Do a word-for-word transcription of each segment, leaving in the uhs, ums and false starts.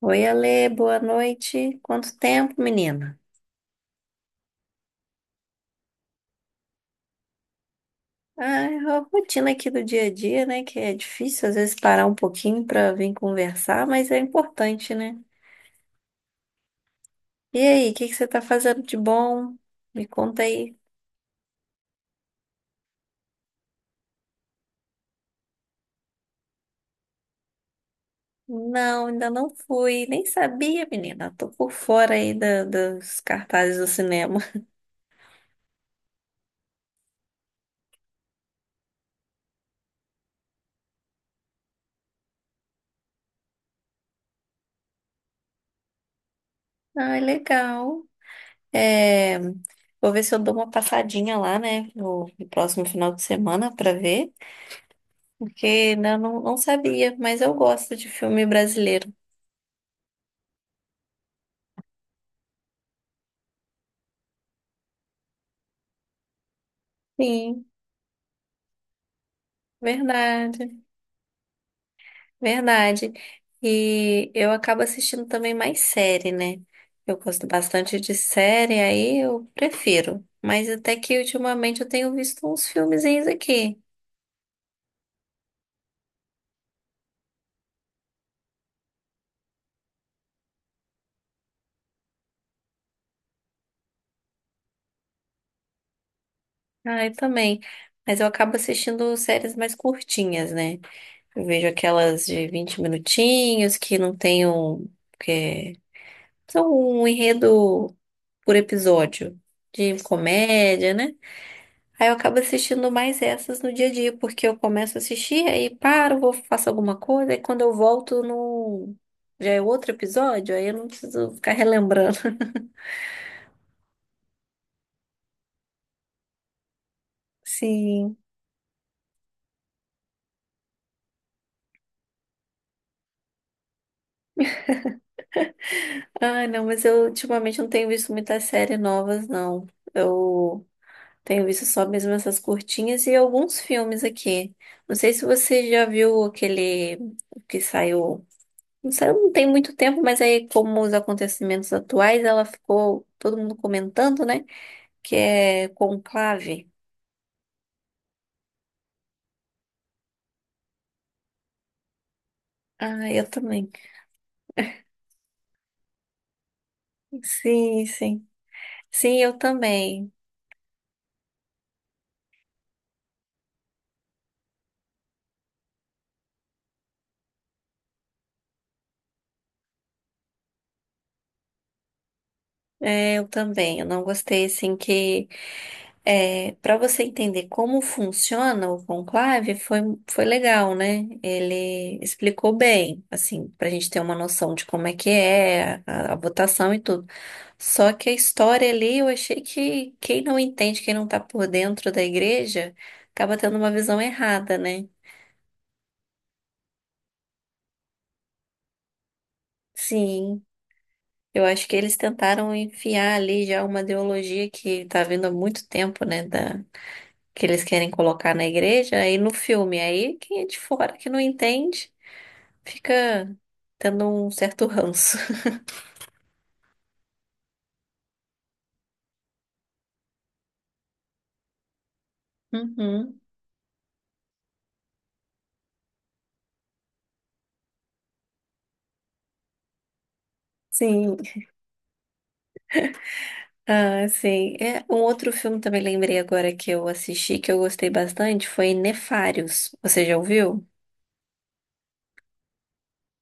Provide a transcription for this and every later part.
Oi, Ale, boa noite. Quanto tempo, menina? Ah, a rotina aqui do dia a dia, né? Que é difícil às vezes parar um pouquinho para vir conversar, mas é importante, né? E aí, o que que você tá fazendo de bom? Me conta aí. Não, ainda não fui, nem sabia, menina. Tô por fora aí da- dos cartazes do cinema. Ah, legal. É, vou ver se eu dou uma passadinha lá, né? No, no próximo final de semana para ver. Porque não, não, não sabia, mas eu gosto de filme brasileiro. Sim, verdade, verdade. E eu acabo assistindo também mais série, né? Eu gosto bastante de série, aí eu prefiro. Mas até que ultimamente eu tenho visto uns filmezinhos aqui. Ah, eu também. Mas eu acabo assistindo séries mais curtinhas, né? Eu vejo aquelas de vinte minutinhos que não tem um, que são um enredo por episódio de comédia, né? Aí eu acabo assistindo mais essas no dia a dia, porque eu começo a assistir, aí paro, vou, faço alguma coisa, aí quando eu volto no... já é outro episódio, aí eu não preciso ficar relembrando. Sim. Ah, não, mas eu ultimamente não tenho visto muitas séries novas, não. Eu tenho visto só mesmo essas curtinhas e alguns filmes aqui. Não sei se você já viu aquele que saiu. Isso aí não tem muito tempo, mas aí, como os acontecimentos atuais, ela ficou todo mundo comentando, né? Que é conclave. Ah, eu também. Sim, sim. Sim, eu também. É, eu também. Eu não gostei, assim, que. É, para você entender como funciona o conclave, foi, foi legal, né? Ele explicou bem, assim, para a gente ter uma noção de como é que é a a votação e tudo. Só que a história ali, eu achei que quem não entende, quem não tá por dentro da igreja, acaba tendo uma visão errada, né? Sim, eu acho que eles tentaram enfiar ali já uma ideologia que tá vindo há muito tempo, né? Da, que eles querem colocar na igreja, aí no filme. Aí quem é de fora que não entende fica tendo um certo ranço. Uhum. Sim. Ah, sim. É, um outro filme também lembrei agora que eu assisti, que eu gostei bastante, foi Nefários. Você já ouviu?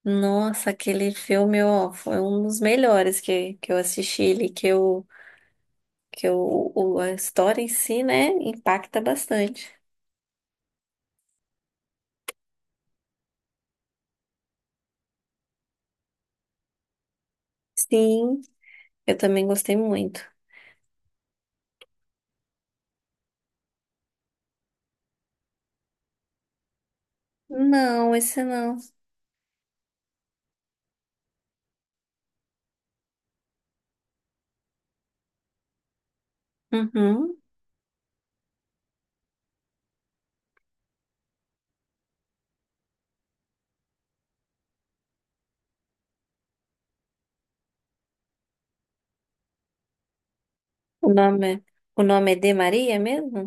Nossa, aquele filme, ó, foi um dos melhores que, que eu assisti ele. Que eu, que eu, o- a história em si, né, impacta bastante. Sim, eu também gostei muito. Não, esse não. Uhum. O nome é, o nome é de Maria mesmo?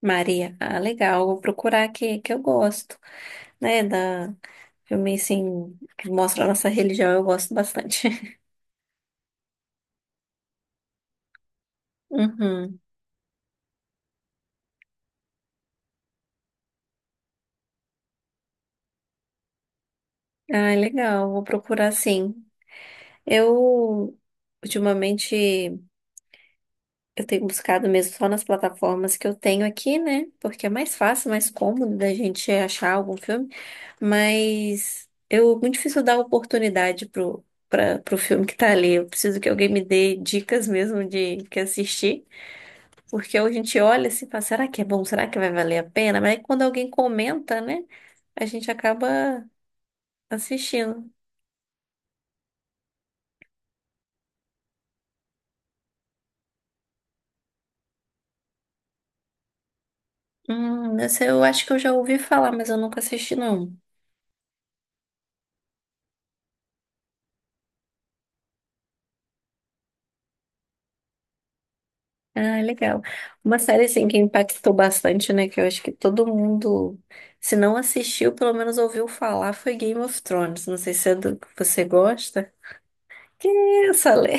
Maria. Ah, legal. Vou procurar aqui, que eu gosto, né, da filme, assim, que mostra a nossa religião, eu gosto bastante. Uhum. Ah, legal, vou procurar sim. Eu, ultimamente, eu tenho buscado mesmo só nas plataformas que eu tenho aqui, né? Porque é mais fácil, mais cômodo da gente achar algum filme, mas eu, muito difícil dar oportunidade pro, pra, pro filme que tá ali. Eu preciso que alguém me dê dicas mesmo de que assistir. Porque hoje a gente olha assim e fala, será que é bom? Será que vai valer a pena? Mas aí quando alguém comenta, né? A gente acaba assistindo. Hum, essa eu acho que eu já ouvi falar, mas eu nunca assisti, não. Ah, legal. Uma série, assim, que impactou bastante, né? Que eu acho que todo mundo, se não assistiu, pelo menos ouviu falar, foi Game of Thrones. Não sei se é do que você gosta. Que essa, Lê?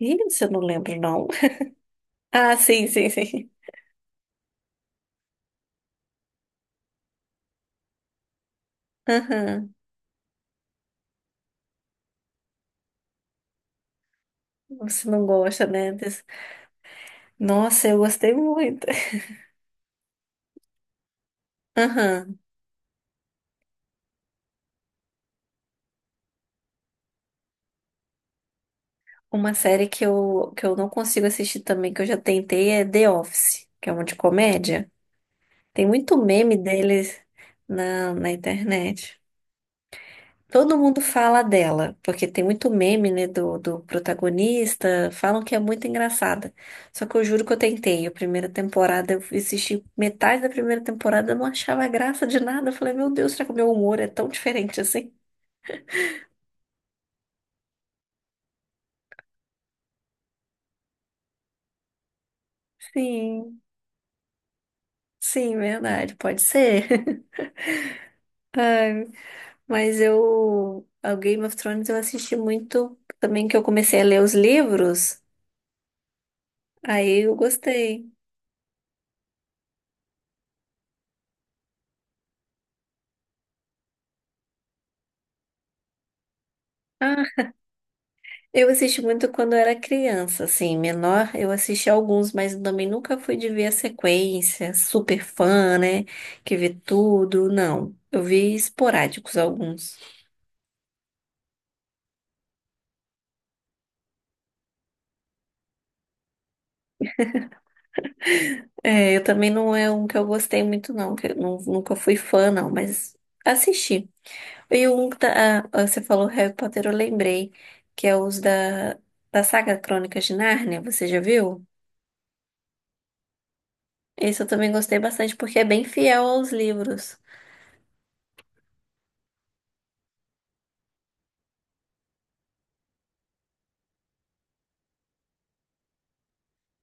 Ih, isso eu não lembro, não. Ah, sim, sim, sim. Aham. Você não gosta, né? desse- Nossa, eu gostei muito. Aham. Uma série que eu, que eu não consigo assistir também, que eu já tentei, é The Office, que é uma de comédia. Tem muito meme deles na, na internet. Todo mundo fala dela, porque tem muito meme, né, do, do protagonista, falam que é muito engraçada. Só que eu juro que eu tentei. A primeira temporada, eu assisti metade da primeira temporada, eu não achava graça de nada. Eu falei, meu Deus, será que o meu humor é tão diferente assim? Sim, sim, verdade, pode ser. Mas eu, o Game of Thrones eu assisti muito também que eu comecei a ler os livros, aí eu gostei. Ah, eu assisti muito quando eu era criança, assim, menor, eu assisti alguns, mas também nunca fui de ver a sequência, super fã, né, que vê tudo, não. Eu vi esporádicos alguns. É, eu também não é um que eu gostei muito, não, que eu nu- nunca fui fã, não, mas assisti. E um da, ah, você falou Harry Potter, eu lembrei, que é os da, da saga Crônicas de Nárnia, você já viu? Esse eu também gostei bastante, porque é bem fiel aos livros.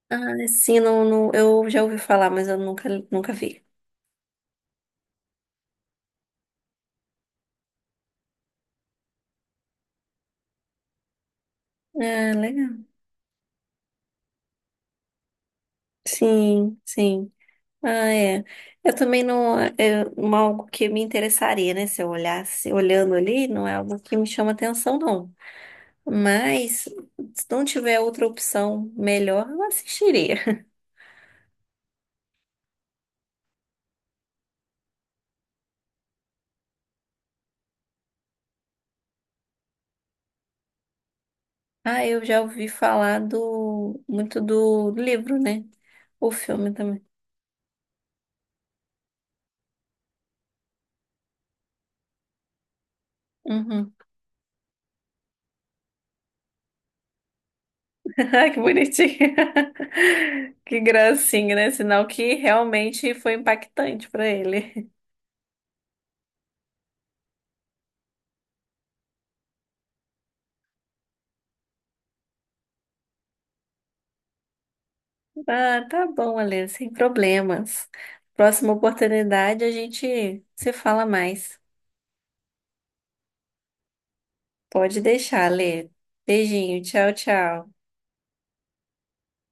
Ah, sim, não, não, eu já ouvi falar, mas eu nunca, nunca vi. Ah, legal. Sim, sim. Ah, é. Eu também não, é um- algo que me interessaria, né? Se eu olhasse, olhando ali, não é algo que me chama atenção, não. Mas, se não tiver outra opção melhor, eu assistiria. Ah, eu já ouvi falar do muito do livro, né? O filme também. Uhum. Ah, que bonitinho. Que gracinha, né? Sinal que realmente foi impactante para ele. Ah, tá bom, Alê, sem problemas. Próxima oportunidade a gente se fala mais. Pode deixar, Alê. Beijinho, tchau, tchau.